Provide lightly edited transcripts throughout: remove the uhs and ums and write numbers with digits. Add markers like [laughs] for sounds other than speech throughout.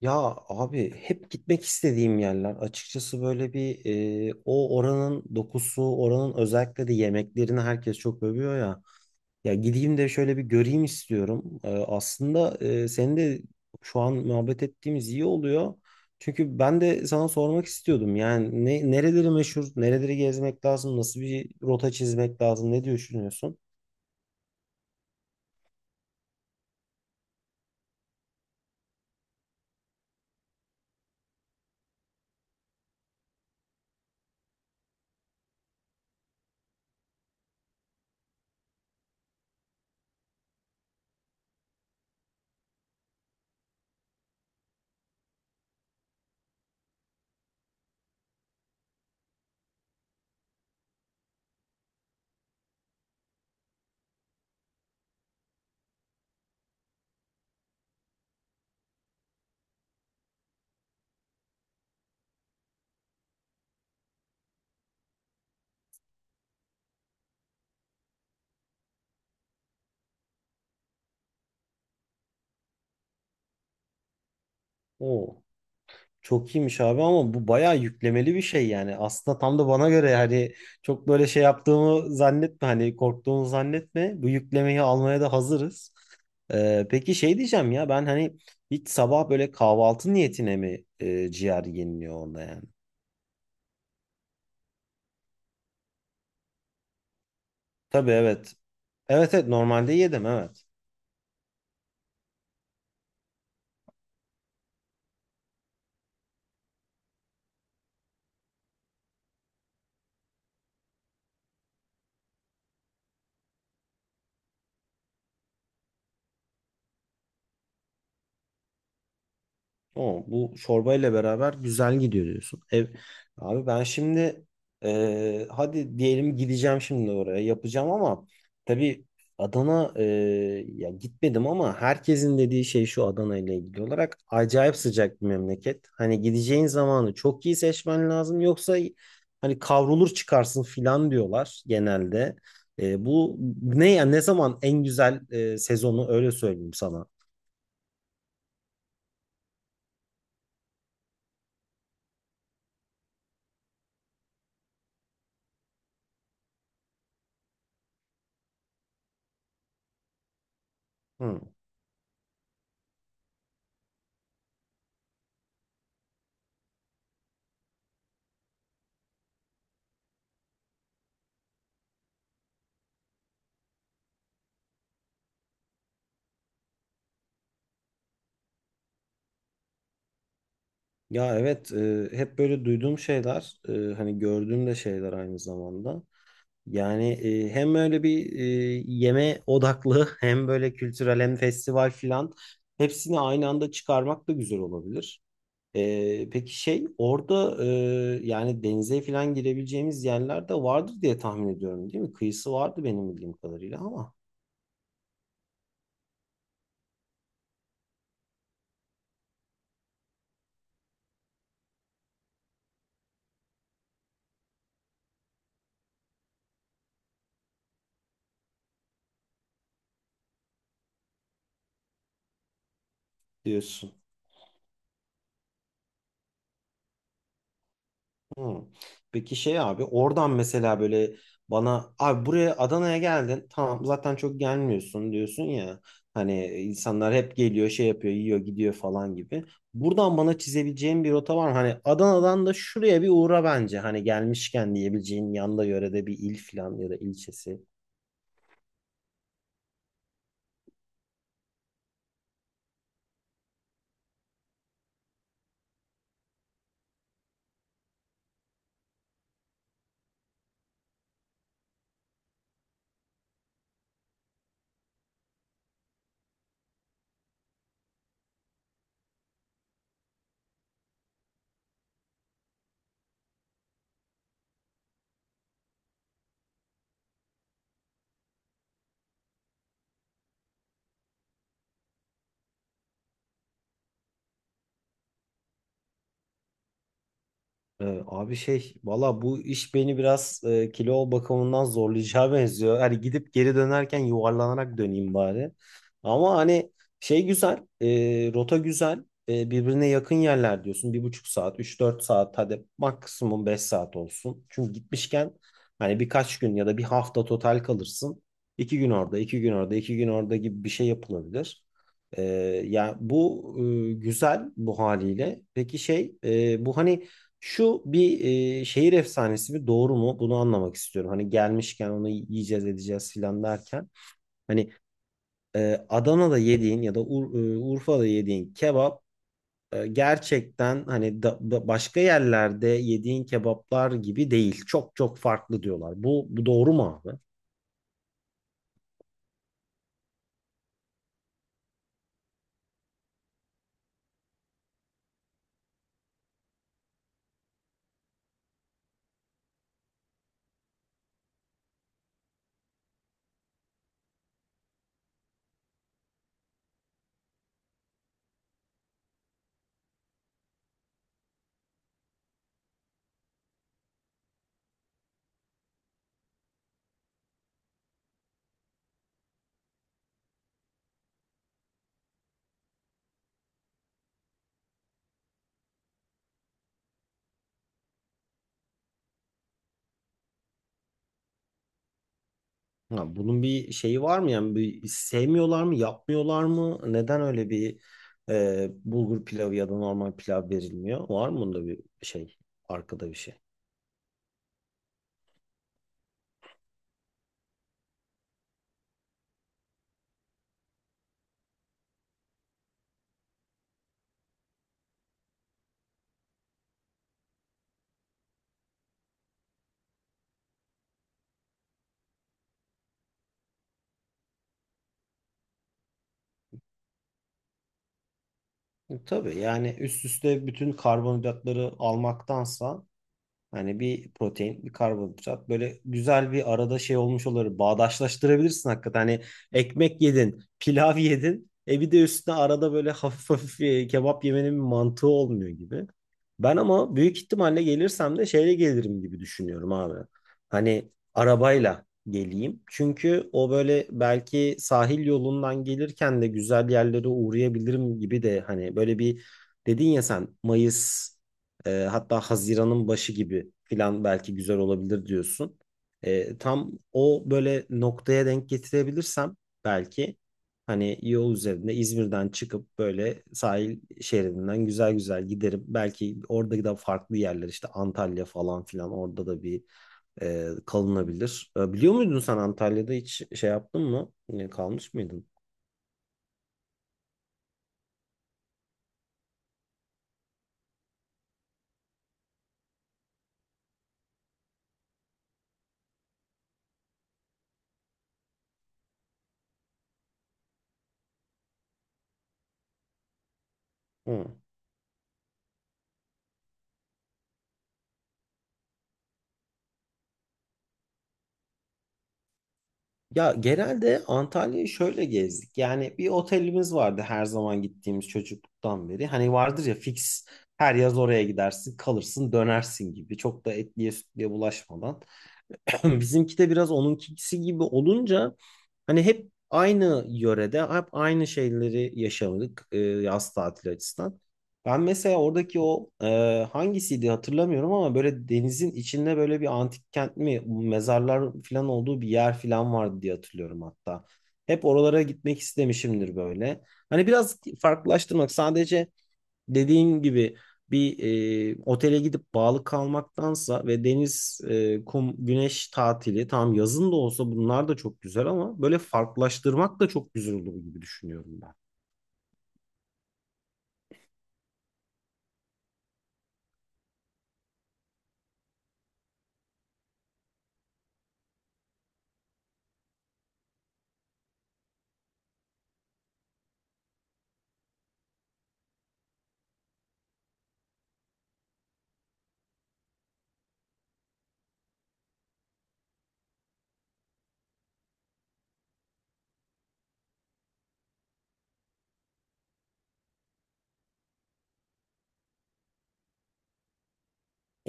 Ya abi hep gitmek istediğim yerler. Açıkçası böyle bir o oranın dokusu, oranın özellikle de yemeklerini herkes çok övüyor ya. Ya gideyim de şöyle bir göreyim istiyorum. Aslında senin de şu an muhabbet ettiğimiz iyi oluyor. Çünkü ben de sana sormak istiyordum. Yani nereleri meşhur, nereleri gezmek lazım, nasıl bir rota çizmek lazım, ne düşünüyorsun? Oo. Çok iyiymiş abi ama bu bayağı yüklemeli bir şey yani. Aslında tam da bana göre yani çok böyle şey yaptığımı zannetme, hani korktuğumu zannetme. Bu yüklemeyi almaya da hazırız. Peki şey diyeceğim ya, ben hani hiç sabah böyle kahvaltı niyetine mi ciğer yeniliyor orada yani? Tabii evet. Evet, evet, normalde yedim, evet. O bu çorbayla beraber güzel gidiyor diyorsun. Abi ben şimdi hadi diyelim gideceğim şimdi oraya yapacağım ama tabii Adana ya gitmedim ama herkesin dediği şey şu: Adana ile ilgili olarak acayip sıcak bir memleket. Hani gideceğin zamanı çok iyi seçmen lazım, yoksa hani kavrulur çıkarsın filan diyorlar genelde. E, bu ne zaman en güzel sezonu, öyle söyleyeyim sana. Hı. Ya evet, hep böyle duyduğum şeyler, hani gördüğüm de şeyler aynı zamanda. Yani hem öyle bir yeme odaklı [laughs] hem böyle kültürel hem festival filan, hepsini aynı anda çıkarmak da güzel olabilir. Peki şey, orada yani denize filan girebileceğimiz yerler de vardır diye tahmin ediyorum, değil mi? Kıyısı vardı benim bildiğim kadarıyla ama, diyorsun. Hmm. Peki şey abi, oradan mesela böyle bana, abi buraya Adana'ya geldin tamam, zaten çok gelmiyorsun diyorsun ya, hani insanlar hep geliyor, şey yapıyor, yiyor, gidiyor falan gibi. Buradan bana çizebileceğim bir rota var mı? Hani Adana'dan da şuraya bir uğra bence, hani gelmişken diyebileceğin yanda yörede bir il falan ya da ilçesi. Abi şey valla bu iş beni biraz kilo bakımından zorlayacağı [laughs] benziyor. Hani gidip geri dönerken yuvarlanarak döneyim bari. Ama hani şey güzel, rota güzel, birbirine yakın yerler diyorsun. Bir buçuk saat, üç dört saat, hadi maksimum 5 saat olsun. Çünkü gitmişken hani birkaç gün ya da bir hafta total kalırsın. İki gün orada, 2 gün orada, 2 gün orada gibi bir şey yapılabilir. Ee, ya bu güzel bu haliyle. Peki şey, bu hani şu bir şehir efsanesi mi doğru mu, bunu anlamak istiyorum. Hani gelmişken onu yiyeceğiz edeceğiz filan derken. Hani Adana'da yediğin ya da Urfa'da yediğin kebap gerçekten hani başka yerlerde yediğin kebaplar gibi değil. Çok çok farklı diyorlar. Bu doğru mu abi? Ya bunun bir şeyi var mı yani, bir sevmiyorlar mı, yapmıyorlar mı, neden öyle bir bulgur pilavı ya da normal pilav verilmiyor, var mı bunda bir şey, arkada bir şey? Tabii yani üst üste bütün karbonhidratları almaktansa hani bir protein, bir karbonhidrat böyle güzel bir arada şey olmuş olur. Bağdaşlaştırabilirsin hakikaten. Hani ekmek yedin, pilav [laughs] yedin. E bir de üstüne arada böyle hafif hafif kebap yemenin bir mantığı olmuyor gibi. Ben ama büyük ihtimalle gelirsem de şeyle gelirim gibi düşünüyorum abi. Hani arabayla geleyim. Çünkü o böyle belki sahil yolundan gelirken de güzel yerlere uğrayabilirim gibi de, hani böyle bir dedin ya sen Mayıs, hatta Haziran'ın başı gibi filan belki güzel olabilir diyorsun. Tam o böyle noktaya denk getirebilirsem belki hani yol üzerinde İzmir'den çıkıp böyle sahil şeridinden güzel güzel giderim. Belki orada da farklı yerler, işte Antalya falan filan, orada da bir kalınabilir. Biliyor muydun, sen Antalya'da hiç şey yaptın mı? E, kalmış mıydın? Hı. Ya genelde Antalya'yı şöyle gezdik. Yani bir otelimiz vardı her zaman gittiğimiz, çocukluktan beri. Hani vardır ya fix, her yaz oraya gidersin, kalırsın, dönersin gibi. Çok da etliye sütlüye bulaşmadan. [clears throat] Bizimki de biraz onunkisi gibi olunca hani hep aynı yörede hep aynı şeyleri yaşadık yaz tatili açısından. Ben mesela oradaki o hangisiydi hatırlamıyorum ama böyle denizin içinde böyle bir antik kent mi, mezarlar falan olduğu bir yer falan vardı diye hatırlıyorum hatta. Hep oralara gitmek istemişimdir böyle. Hani biraz farklılaştırmak, sadece dediğin gibi bir otele gidip bağlı kalmaktansa. Ve deniz, kum, güneş tatili, tamam yazın da olsa bunlar da çok güzel ama böyle farklılaştırmak da çok güzel olur gibi düşünüyorum ben.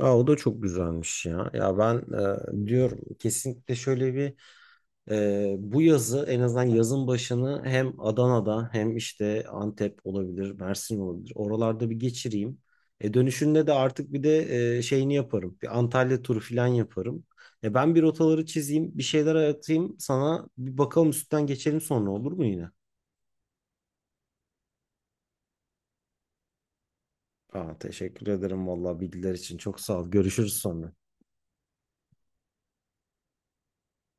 Aa, o da çok güzelmiş ya. Ya ben diyorum kesinlikle şöyle bir bu yazı, en azından yazın başını, hem Adana'da hem işte Antep olabilir, Mersin olabilir, oralarda bir geçireyim. Dönüşünde de artık bir de şeyini yaparım, bir Antalya turu falan yaparım. Ben bir rotaları çizeyim, bir şeyler atayım sana. Bir bakalım, üstten geçelim sonra, olur mu yine? Aa, teşekkür ederim vallahi bilgiler için. Çok sağ ol. Görüşürüz sonra.